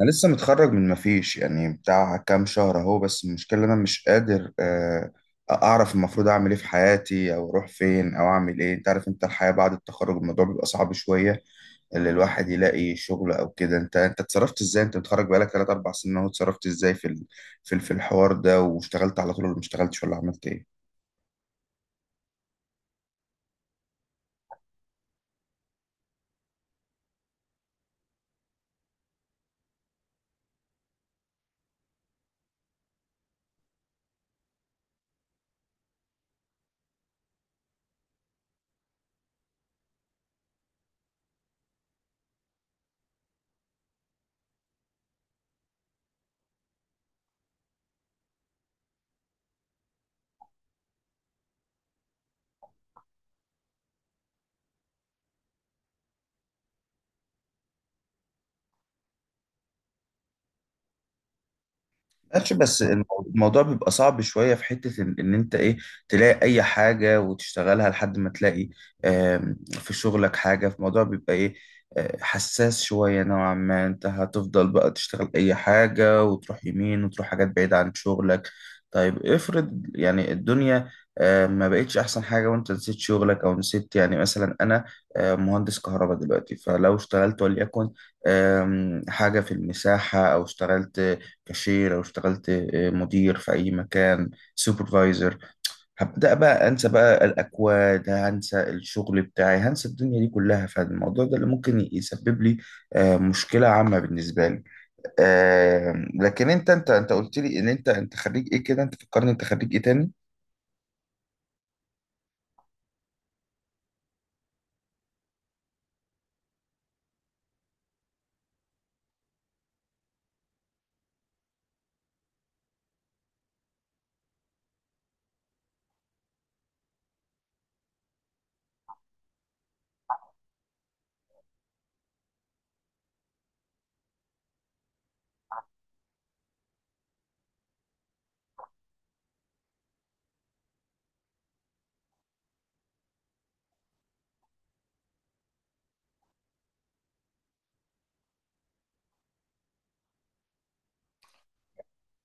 انا لسه متخرج من مفيش بتاع كام شهر اهو. بس المشكله إن انا مش قادر اعرف المفروض اعمل ايه في حياتي، او اروح فين، او اعمل ايه. انت عارف، انت الحياه بعد التخرج الموضوع بيبقى صعب شويه اللي الواحد يلاقي شغل او كده. انت اتصرفت ازاي؟ انت متخرج بقالك 3 4 سنين اهو، اتصرفت ازاي في الحوار ده؟ واشتغلت على طول، ولا ما اشتغلتش، ولا عملت ايه؟ ماشي، بس الموضوع بيبقى صعب شوية في حتة إن أنت إيه، تلاقي أي حاجة وتشتغلها لحد ما تلاقي في شغلك حاجة. في الموضوع بيبقى إيه، حساس شوية نوعا ما. أنت هتفضل بقى تشتغل أي حاجة وتروح يمين، وتروح حاجات بعيدة عن شغلك. طيب افرض يعني الدنيا ما بقتش أحسن حاجة، وأنت نسيت شغلك، أو نسيت. يعني مثلا أنا مهندس كهرباء دلوقتي، فلو اشتغلت وليكن حاجة في المساحة، أو اشتغلت كاشير، او اشتغلت مدير في اي مكان، سوبرفايزر، هبدا بقى انسى بقى الاكواد، هنسى الشغل بتاعي، هنسى الدنيا دي كلها. فالموضوع ده اللي ممكن يسبب لي مشكله عامه بالنسبه لي. لكن انت قلت لي ان انت خريج ايه كده؟ انت فكرني، انت خريج ايه تاني؟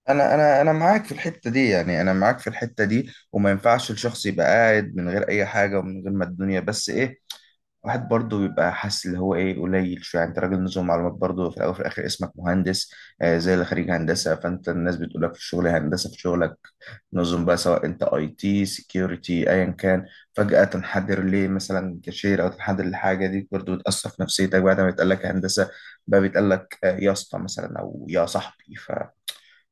انا معاك في الحته دي، يعني انا معاك في الحته دي، وما ينفعش الشخص يبقى قاعد من غير اي حاجه ومن غير ما الدنيا. بس ايه، واحد برضه بيبقى حاسس اللي هو ايه، قليل شويه. يعني انت راجل نظم معلومات، برضه في الاول وفي الاخر اسمك مهندس، آه زي اللي خريج هندسه. فانت الناس بتقول لك في الشغل هندسه في شغلك، نظم بقى سواء انت اي تي سكيورتي، ايا كان. فجاه تنحدر ليه مثلا كاشير، او تنحدر لحاجه دي، برضه بتاثر في نفسيتك. بعد ما بيتقال لك هندسه، بقى بيتقال لك يا اسطى مثلا، او يا صاحبي.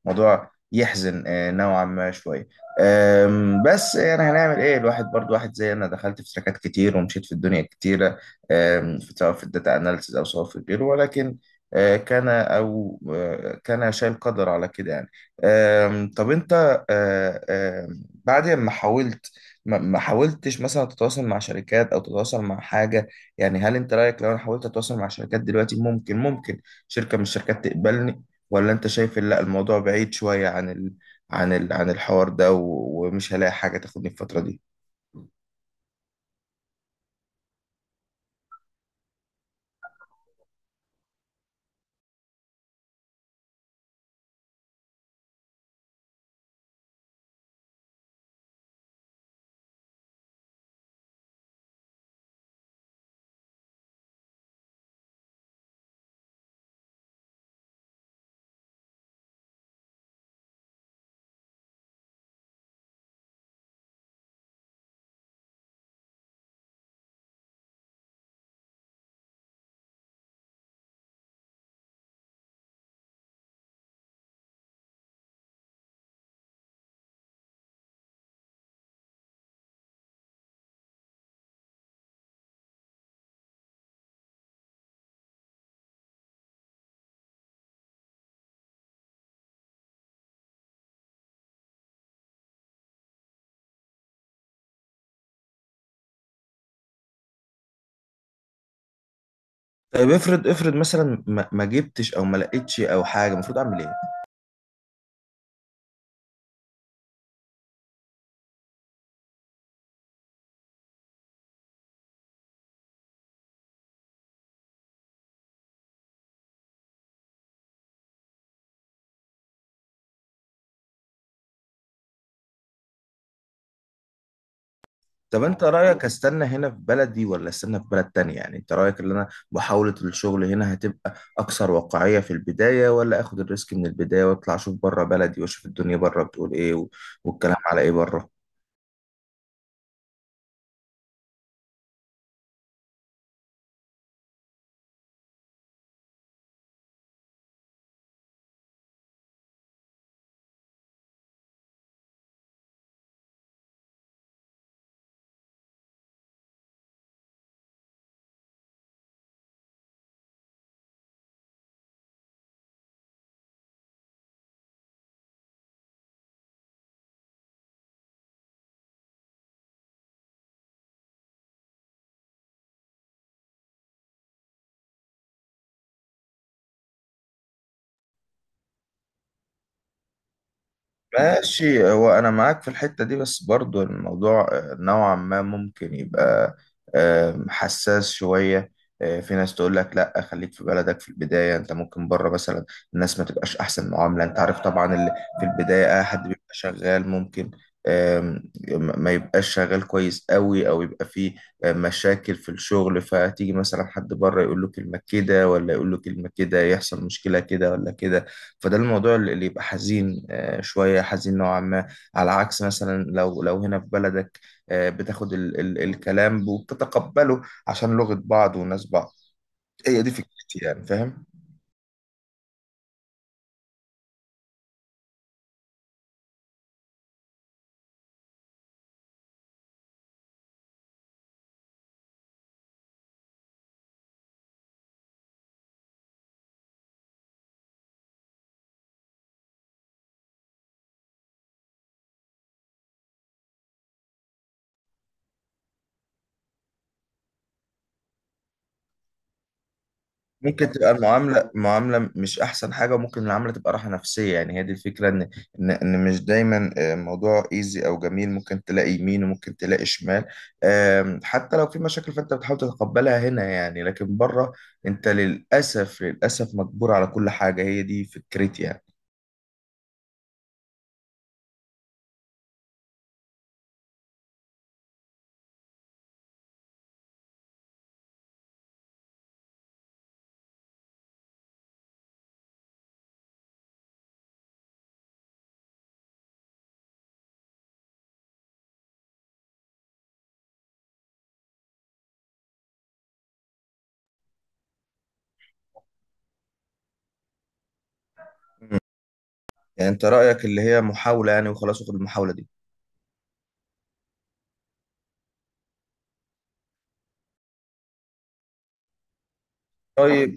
موضوع يحزن نوعا ما شويه. بس يعني هنعمل ايه؟ الواحد برضو، واحد زي انا دخلت في تراكات كتير، ومشيت في الدنيا كتيرة، سواء في الداتا اناليسز، او سواء في غيره. ولكن آه، كان او آه، كان شايل، قدر على كده يعني. طب انت آه، آم، بعد ما حاولت، ما حاولتش مثلا تتواصل مع شركات، او تتواصل مع حاجه؟ يعني هل انت رايك لو انا حاولت اتواصل مع شركات دلوقتي، ممكن شركه من الشركات تقبلني؟ ولا انت شايف إن لا، الموضوع بعيد شوية عن عن الحوار ده، ومش هلاقي حاجة تاخدني الفترة دي؟ طيب افرض مثلا ما جبتش او ما لقيتش او حاجة، المفروض اعمل ايه؟ طب انت رأيك استنى هنا في بلدي، ولا استنى في بلد تانية؟ يعني انت رأيك ان انا محاولة الشغل هنا هتبقى اكثر واقعية في البداية، ولا اخد الريسك من البداية واطلع اشوف بره بلدي، واشوف الدنيا بره بتقول ايه والكلام على ايه بره؟ ماشي، هو انا معاك في الحتة دي، بس برضو الموضوع نوعا ما ممكن يبقى حساس شوية. في ناس تقول لك لا خليك في بلدك في البداية. انت ممكن بره مثلا الناس ما تبقاش احسن معاملة. انت عارف طبعا، اللي في البداية اي حد بيبقى شغال، ممكن آم، ما يبقاش شغال كويس قوي، او يبقى فيه مشاكل في الشغل. فتيجي مثلا حد بره يقول له كلمة كده، ولا يقول له كلمة كده، يحصل مشكلة كده ولا كده. فده الموضوع اللي يبقى حزين، شوية حزين نوعا ما. على عكس مثلا لو هنا في بلدك، بتاخد ال الكلام وبتتقبله، عشان لغة بعض وناس بعض. هي دي فكرتي يعني، فاهم؟ ممكن تبقى المعاملة معاملة مش أحسن حاجة، وممكن المعاملة تبقى راحة نفسية. يعني هي دي الفكرة، إن مش دايما الموضوع إيزي أو جميل. ممكن تلاقي يمين، وممكن تلاقي شمال. حتى لو في مشاكل فأنت بتحاول تتقبلها هنا يعني، لكن بره أنت للأسف مجبور على كل حاجة. هي دي فكرتي يعني. يعني أنت رأيك اللي هي محاولة يعني، وخلاص وخد المحاولة دي؟ طيب،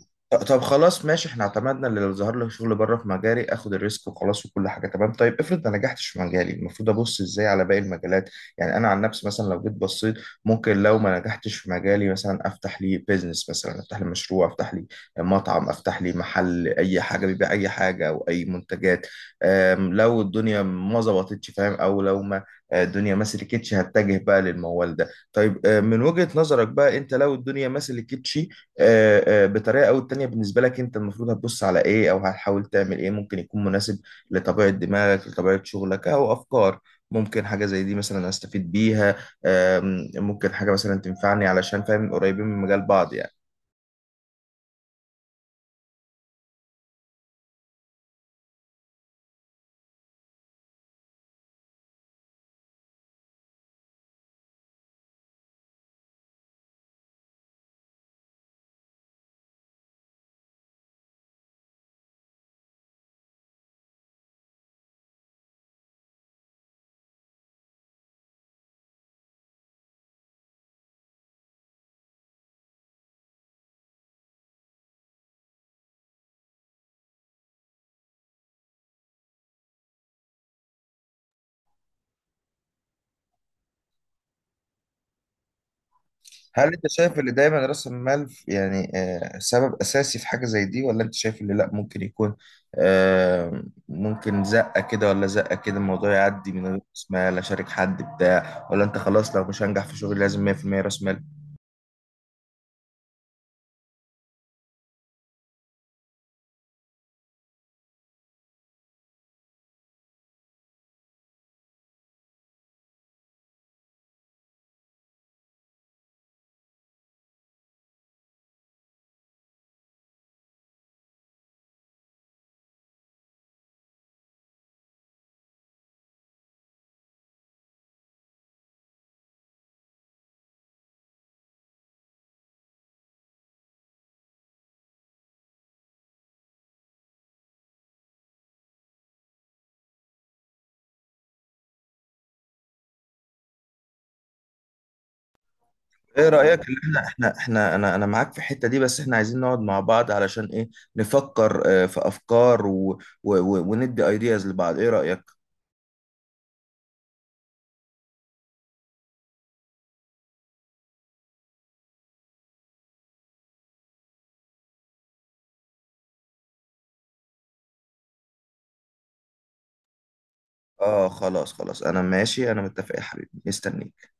طب خلاص ماشي. احنا اعتمدنا اللي لو ظهر لي شغل بره في مجالي اخد الريسك، وخلاص وكل حاجه تمام. طيب افرض ما نجحتش في مجالي، المفروض ابص ازاي على باقي المجالات؟ يعني انا عن نفسي مثلا لو جيت بصيت، ممكن لو ما نجحتش في مجالي، مثلا افتح لي بيزنس، مثلا افتح لي مشروع، افتح لي مطعم، افتح لي محل اي حاجه بيبيع اي حاجه او اي منتجات. ام، لو الدنيا ما ظبطتش، فاهم؟ او لو ما اه، الدنيا ما سلكتش، هتجه بقى للموال ده. طيب اه، من وجهة نظرك بقى، انت لو الدنيا ما سلكتش بطريقه او التانية، بالنسبه لك انت المفروض هتبص على ايه، او هتحاول تعمل ايه ممكن يكون مناسب لطبيعه دماغك، لطبيعه شغلك، او افكار ممكن حاجه زي دي مثلا استفيد بيها؟ ممكن حاجه مثلا تنفعني، علشان فاهم قريبين من مجال بعض يعني. هل انت شايف ان دايما راس المال سبب اساسي في حاجه زي دي، ولا انت شايف ان لا، ممكن يكون ممكن زقه كده ولا زقه كده، الموضوع يعدي من غير راس مال، اشارك حد بتاع؟ ولا انت خلاص لو مش هنجح في شغلي لازم 100% راس مال؟ ايه رأيك ان احنا احنا احنا انا انا معاك في الحتة دي، بس احنا عايزين نقعد مع بعض علشان ايه، نفكر في افكار، و وندي ايدياز لبعض؟ ايه رأيك؟ اه خلاص خلاص، انا ماشي، انا متفق يا حبيبي، مستنيك.